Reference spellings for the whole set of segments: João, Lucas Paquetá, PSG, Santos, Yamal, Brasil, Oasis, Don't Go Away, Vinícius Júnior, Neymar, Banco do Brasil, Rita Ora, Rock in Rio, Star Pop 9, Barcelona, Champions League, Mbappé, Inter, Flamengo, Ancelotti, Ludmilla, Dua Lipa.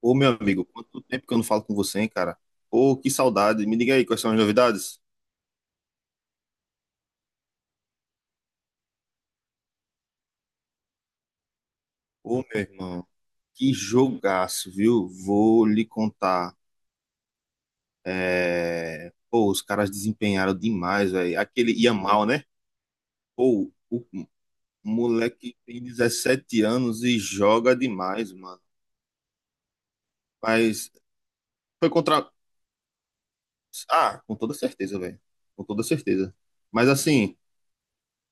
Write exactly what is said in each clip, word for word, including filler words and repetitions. Ô, meu amigo, quanto tempo que eu não falo com você, hein, cara? Ô, que saudade. Me diga aí quais são as novidades. Ô, meu irmão, que jogaço, viu? Vou lhe contar. É... Pô, os caras desempenharam demais, velho. Aquele Yamal, né? Pô, o moleque tem dezessete anos e joga demais, mano. Mas foi contra. Ah, com toda certeza, velho. Com toda certeza. Mas assim,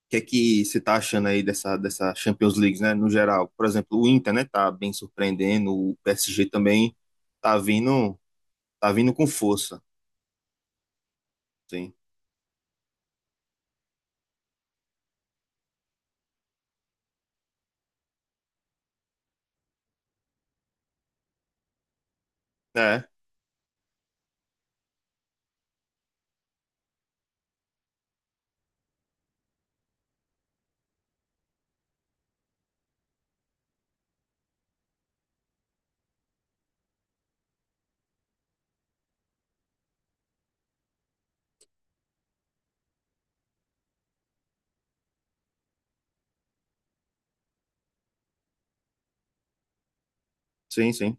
que é que você tá achando aí dessa, dessa Champions League, né, no geral? Por exemplo, o Inter, né, tá bem surpreendendo, o P S G também tá vindo, tá vindo com força, sim. É, sim, sim.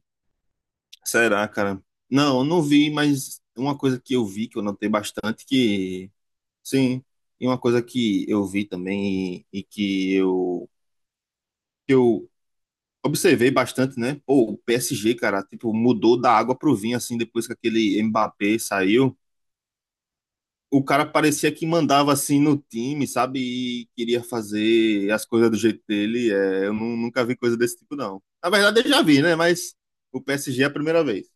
Será, cara? Não, eu não vi, mas uma coisa que eu vi, que eu notei bastante, que, sim, e uma coisa que eu vi também e, e que eu, que eu observei bastante, né, pô, o P S G, cara, tipo, mudou da água pro vinho, assim, depois que aquele Mbappé saiu, o cara parecia que mandava assim no time, sabe? E queria fazer as coisas do jeito dele. É, eu nu- nunca vi coisa desse tipo, não. Na verdade, eu já vi, né? Mas o P S G é a primeira vez.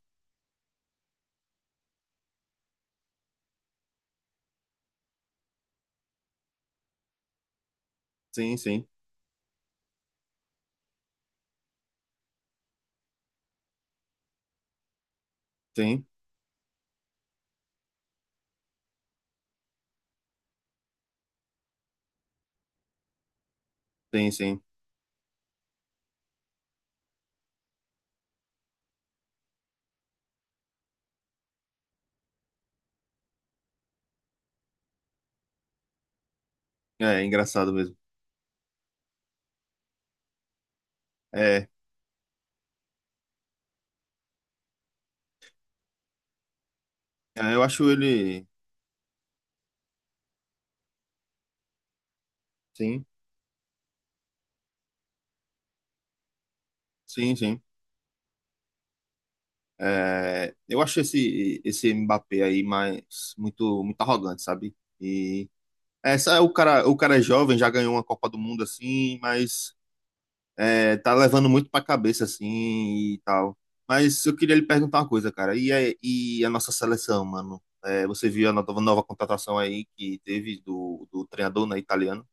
Sim, sim, sim, sim, sim. É, é engraçado mesmo. É, é, eu acho ele. Sim, sim, sim. É, eu acho esse, esse Mbappé aí mais, muito, muito arrogante, sabe? E. Essa, o cara, o cara é jovem, já ganhou uma Copa do Mundo assim, mas é, tá levando muito pra cabeça, assim, e tal. Mas eu queria lhe perguntar uma coisa, cara. E a, e a nossa seleção, mano? É, você viu a nova, nova contratação aí que teve do, do treinador, né, italiano?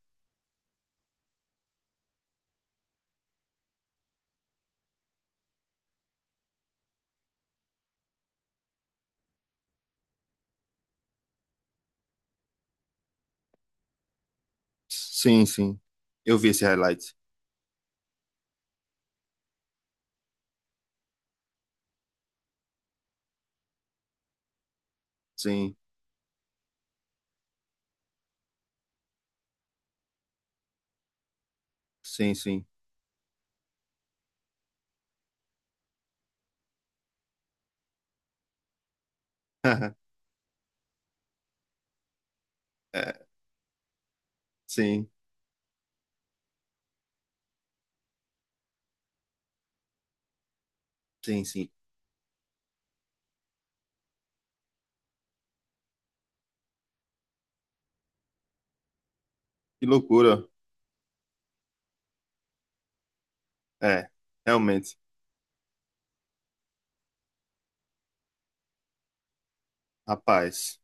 Sim, sim. Eu vi esse highlight. Sim, sim, sim. É, sim, sim, sim. Que loucura. É, realmente. Rapaz,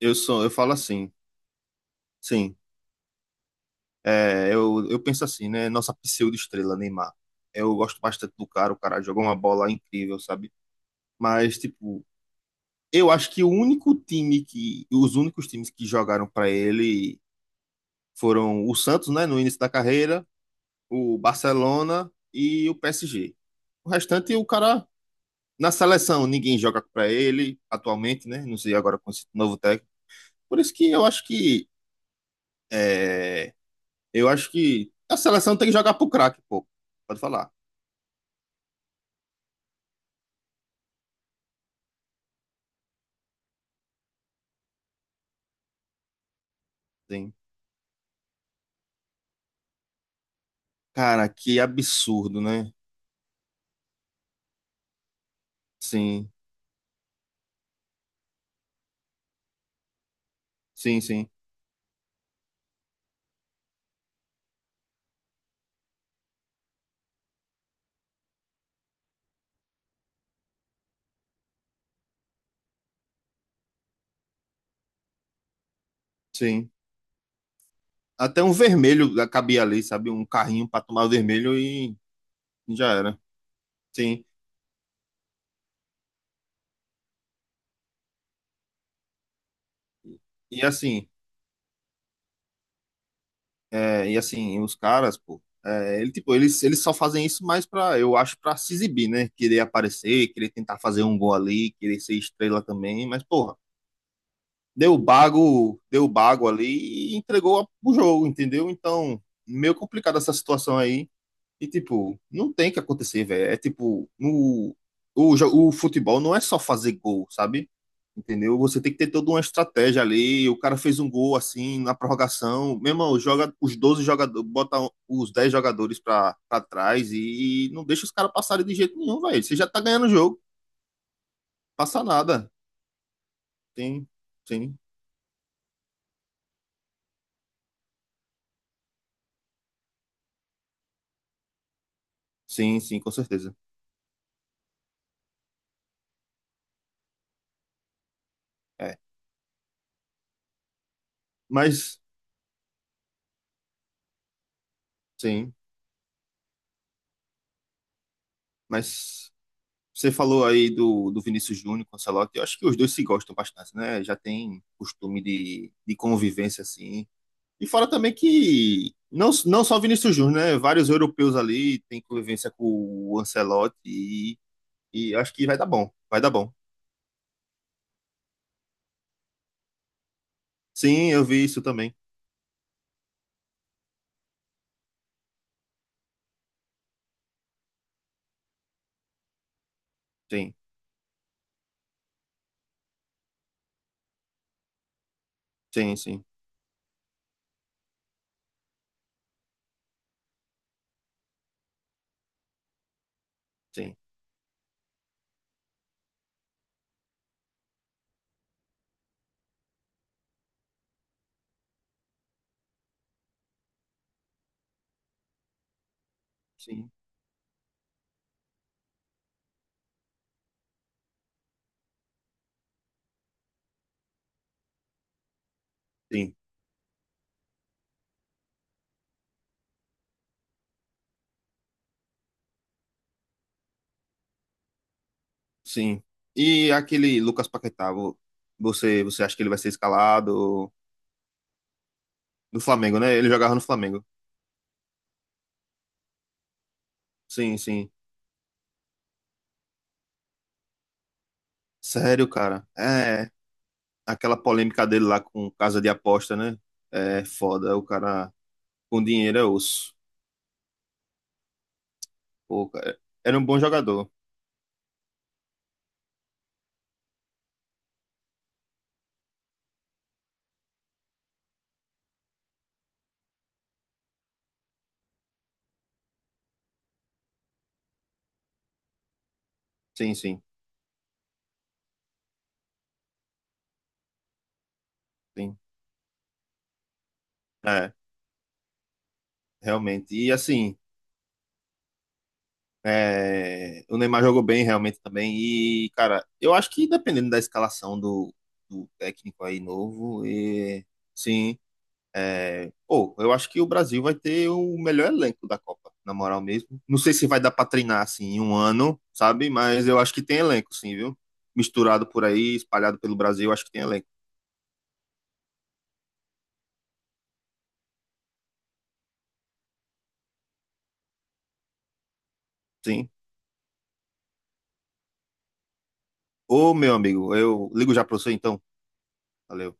eu sou, eu falo assim. Sim. É, eu, eu penso assim, né? Nossa pseudo-estrela, Neymar. Eu gosto bastante do cara, o cara jogou uma bola incrível, sabe? Mas, tipo, eu acho que o único time que, os únicos times que jogaram para ele foram o Santos, né, no início da carreira, o Barcelona e o P S G. O restante, o cara. Na seleção, ninguém joga para ele atualmente, né? Não sei agora com esse novo técnico. Por isso que eu acho que, é, eu acho que a seleção tem que jogar pro craque, pô. Pode falar. Sim. Cara, que absurdo, né? Sim, sim, sim, sim. Até um vermelho cabia ali, sabe? Um carrinho para tomar vermelho e já era. Sim. E assim, é, e assim, os caras, pô, é, ele, tipo, eles, eles só fazem isso mais pra, eu acho, pra se exibir, né? Querer aparecer, querer tentar fazer um gol ali, querer ser estrela também, mas, porra, deu bago, deu bago ali e entregou a- o jogo, entendeu? Então, meio complicado essa situação aí. E, tipo, não tem que acontecer, velho. É tipo, no, o, jo- o futebol não é só fazer gol, sabe? Entendeu? Você tem que ter toda uma estratégia ali. O cara fez um gol assim na prorrogação. Meu irmão, joga os doze jogadores, bota os dez jogadores pra, pra trás e não deixa os caras passarem de jeito nenhum, velho. Você já tá ganhando o jogo, passa nada. Sim, sim, sim, sim, com certeza. É. Mas, sim, mas você falou aí do, do Vinícius Júnior com o Ancelotti. Eu acho que os dois se gostam bastante, né? Já tem costume de, de convivência assim. E fora também que não, não só o Vinícius Júnior, né? Vários europeus ali têm convivência com o Ancelotti e, e acho que vai dar bom. Vai dar bom. Sim, eu vi isso também. Sim, sim, sim, sim, sim, sim, sim. E aquele Lucas Paquetá, vo- você, você acha que ele vai ser escalado no Flamengo, né? Ele jogava no Flamengo. Sim, sim. Sério, cara. É, aquela polêmica dele lá com casa de aposta, né? É foda. O cara com dinheiro é osso. Pô, cara, era um bom jogador. Sim, sim, sim. É, realmente. E assim, é, o Neymar jogou bem realmente também. E, cara, eu acho que dependendo da escalação do, do técnico aí novo, e, sim. É, pô, eu acho que o Brasil vai ter o melhor elenco da Copa, na moral mesmo. Não sei se vai dar pra treinar assim em um ano, sabe? Mas eu acho que tem elenco, sim, viu? Misturado por aí, espalhado pelo Brasil, eu acho que tem elenco, sim. Ô, meu amigo, eu ligo já pra você então. Valeu.